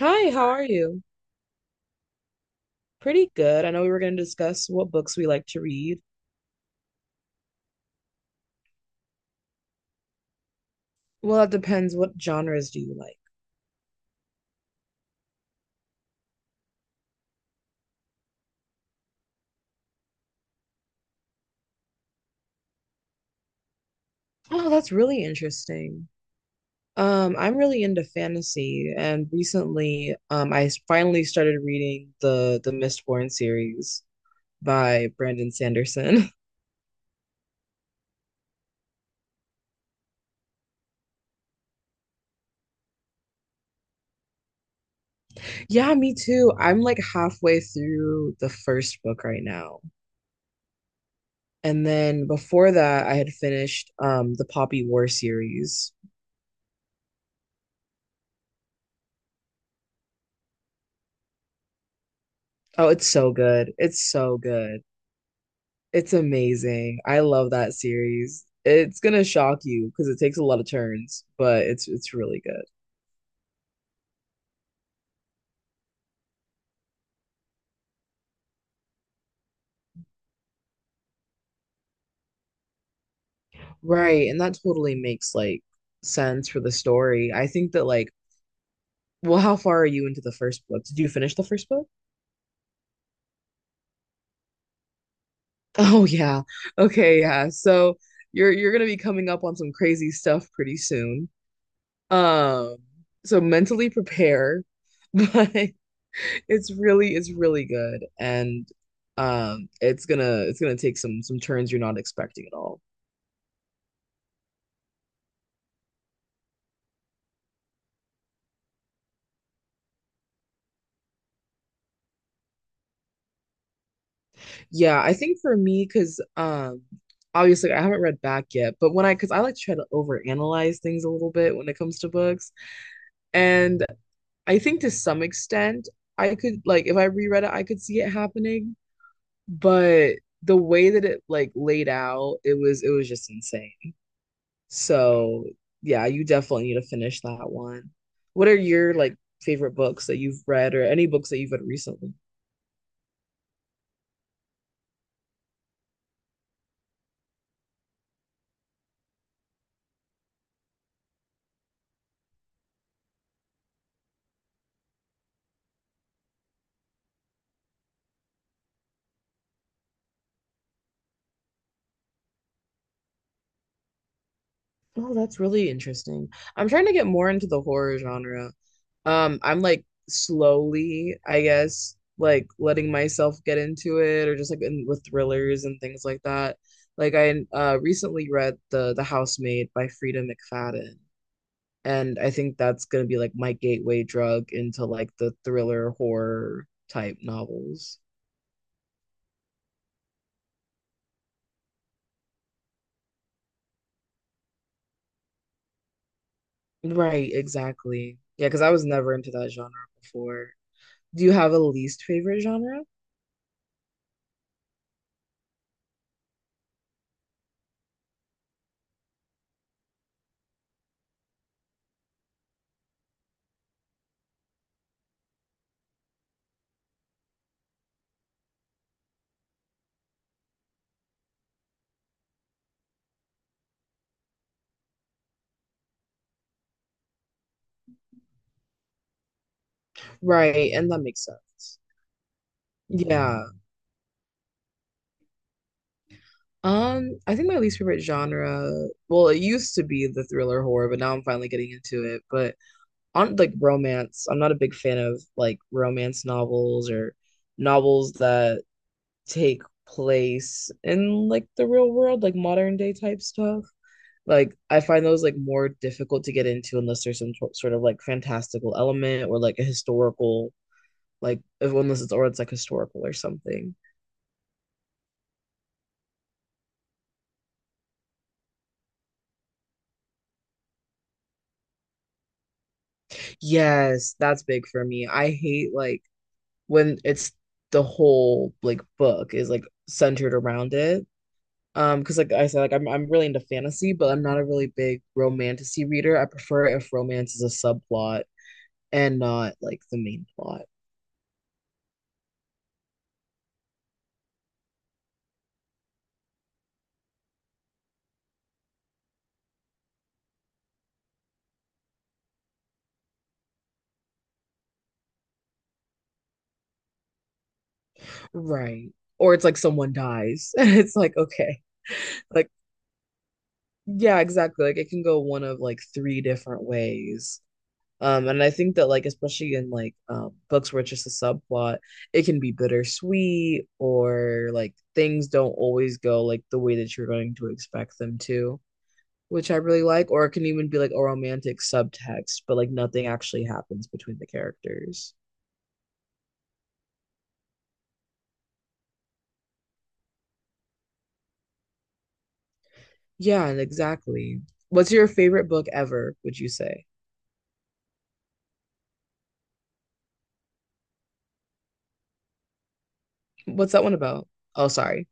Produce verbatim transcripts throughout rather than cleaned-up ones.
Hi, how are you? Pretty good. I know we were going to discuss what books we like to read. Well, it depends. What genres do you like? Oh, that's really interesting. Um, I'm really into fantasy, and recently, um, I s- finally started reading the the Mistborn series by Brandon Sanderson. Yeah, me too. I'm like halfway through the first book right now. And then before that, I had finished um the Poppy War series. Oh, it's so good. It's so good. It's amazing. I love that series. It's gonna shock you because it takes a lot of turns, but it's it's really good. Right, and that totally makes like sense for the story. I think that like, well, how far are you into the first book? Did you finish the first book? Oh yeah. Okay, yeah. So you're you're gonna be coming up on some crazy stuff pretty soon. Um, so mentally prepare, but it's really it's really good and um it's gonna it's gonna take some some turns you're not expecting at all. Yeah, I think for me, because um obviously I haven't read back yet, but when I because I like to try to overanalyze things a little bit when it comes to books. And I think to some extent I could, like, if I reread it, I could see it happening, but the way that it like laid out, it was it was just insane. So yeah, you definitely need to finish that one. What are your like favorite books that you've read or any books that you've read recently? Oh, that's really interesting. I'm trying to get more into the horror genre. Um, I'm like slowly, I guess, like letting myself get into it or just like in, with thrillers and things like that. Like I uh recently read The The Housemaid by Frida McFadden. And I think that's gonna be like my gateway drug into like the thriller horror type novels. Right, exactly. Yeah, because I was never into that genre before. Do you have a least favorite genre? Right, and that makes sense. Yeah. Um, I think my least favorite genre, well, it used to be the thriller horror, but now I'm finally getting into it. But on like romance, I'm not a big fan of like romance novels or novels that take place in like the real world, like modern day type stuff. Like I find those like more difficult to get into unless there's some sort- sort of like fantastical element or like a historical, like if- unless it's or it's like historical or something. Yes, that's big for me. I hate like when it's the whole like book is like centered around it. Um, because like I said, like I'm I'm really into fantasy, but I'm not a really big romantic reader. I prefer if romance is a subplot and not like the main plot. Right. Or it's like someone dies and it's like, okay. Like, yeah, exactly. Like it can go one of like three different ways. Um, and I think that like especially in like um, books where it's just a subplot, it can be bittersweet or like things don't always go like the way that you're going to expect them to, which I really like. Or it can even be like a romantic subtext, but like nothing actually happens between the characters. Yeah, and exactly. What's your favorite book ever, would you say? What's that one about? Oh, sorry.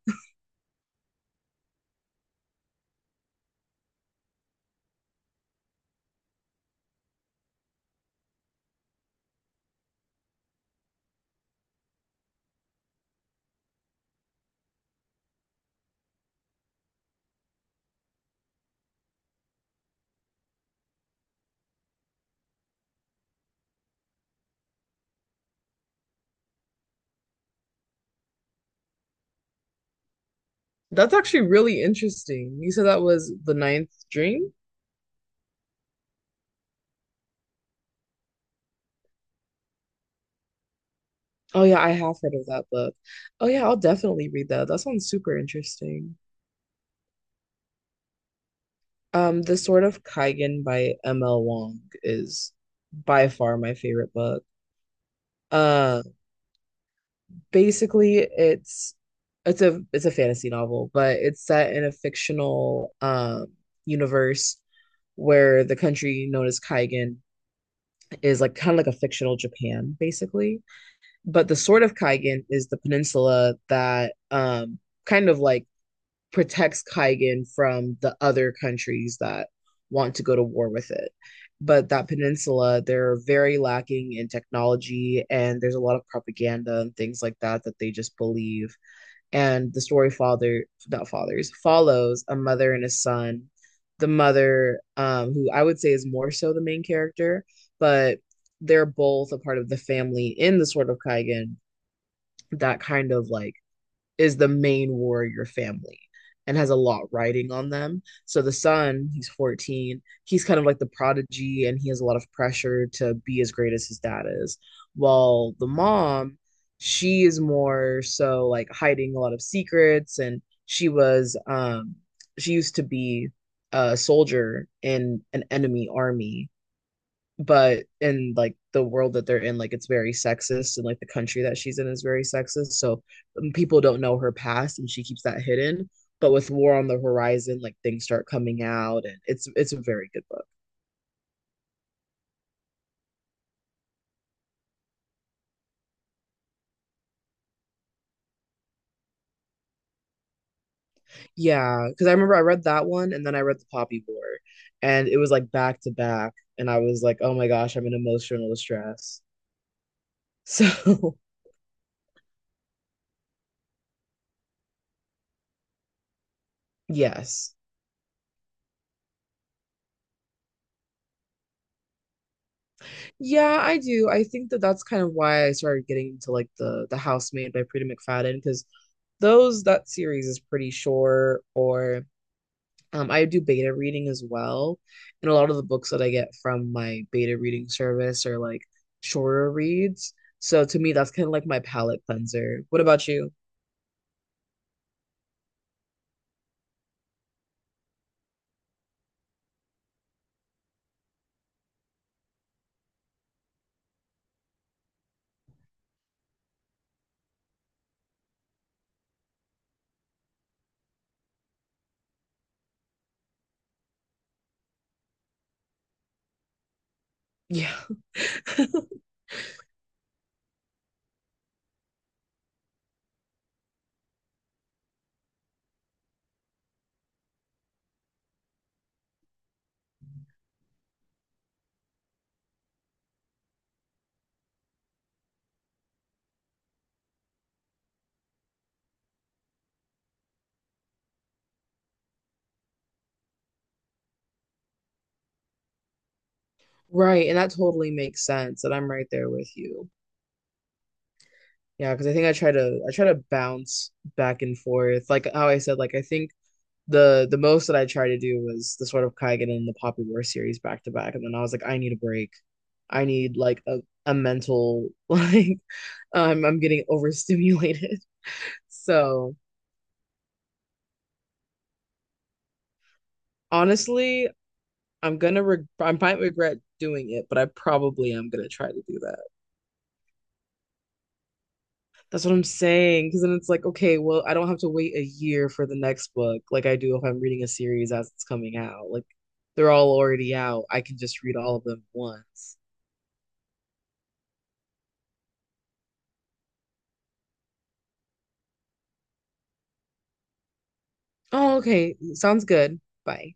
That's actually really interesting. You said that was The Ninth Dream? Oh yeah, I have heard of that book. Oh yeah, I'll definitely read that. That sounds super interesting. Um, The Sword of Kaigen by M L. Wong is by far my favorite book. Uh, basically it's it's a it's a fantasy novel, but it's set in a fictional um universe where the country known as Kaigan is like kind of like a fictional Japan, basically. But the Sword of Kaigan is the peninsula that um, kind of like protects Kaigan from the other countries that want to go to war with it. But that peninsula, they're very lacking in technology, and there's a lot of propaganda and things like that that they just believe. And the story, father not fathers, follows a mother and a son. The mother, um who I would say is more so the main character, but they're both a part of the family in the Sword of Kaigen, that kind of like is the main warrior family and has a lot riding on them. So the son, he's fourteen, he's kind of like the prodigy and he has a lot of pressure to be as great as his dad is. While the mom, she is more so like hiding a lot of secrets and she was um she used to be a soldier in an enemy army, but in like the world that they're in, like it's very sexist and like the country that she's in is very sexist, so um, people don't know her past and she keeps that hidden. But with War on the Horizon, like things start coming out and it's it's a very good book. Yeah, because I remember I read that one and then I read The Poppy War, and it was like back to back, and I was like, oh my gosh, I'm in emotional distress. So yes. Yeah, I do. I think that that's kind of why I started getting into like the the House Made by Prita McFadden, because those that series is pretty short. Or um, I do beta reading as well, and a lot of the books that I get from my beta reading service are like shorter reads. So to me, that's kind of like my palate cleanser. What about you? Yeah, right, and that totally makes sense. And I'm right there with you. Yeah, because I think I try to I try to bounce back and forth. Like how I said, like I think. the the most that I tried to do was the sort of Kaigen and the Poppy War series back to back, and then I was like, I need a break. I need like a a mental like um, I'm getting overstimulated. So honestly, I'm gonna re I might regret doing it, but I probably am gonna try to do that. That's what I'm saying. Because then it's like, okay, well, I don't have to wait a year for the next book like I do if I'm reading a series as it's coming out. Like they're all already out. I can just read all of them once. Oh, okay. Sounds good. Bye.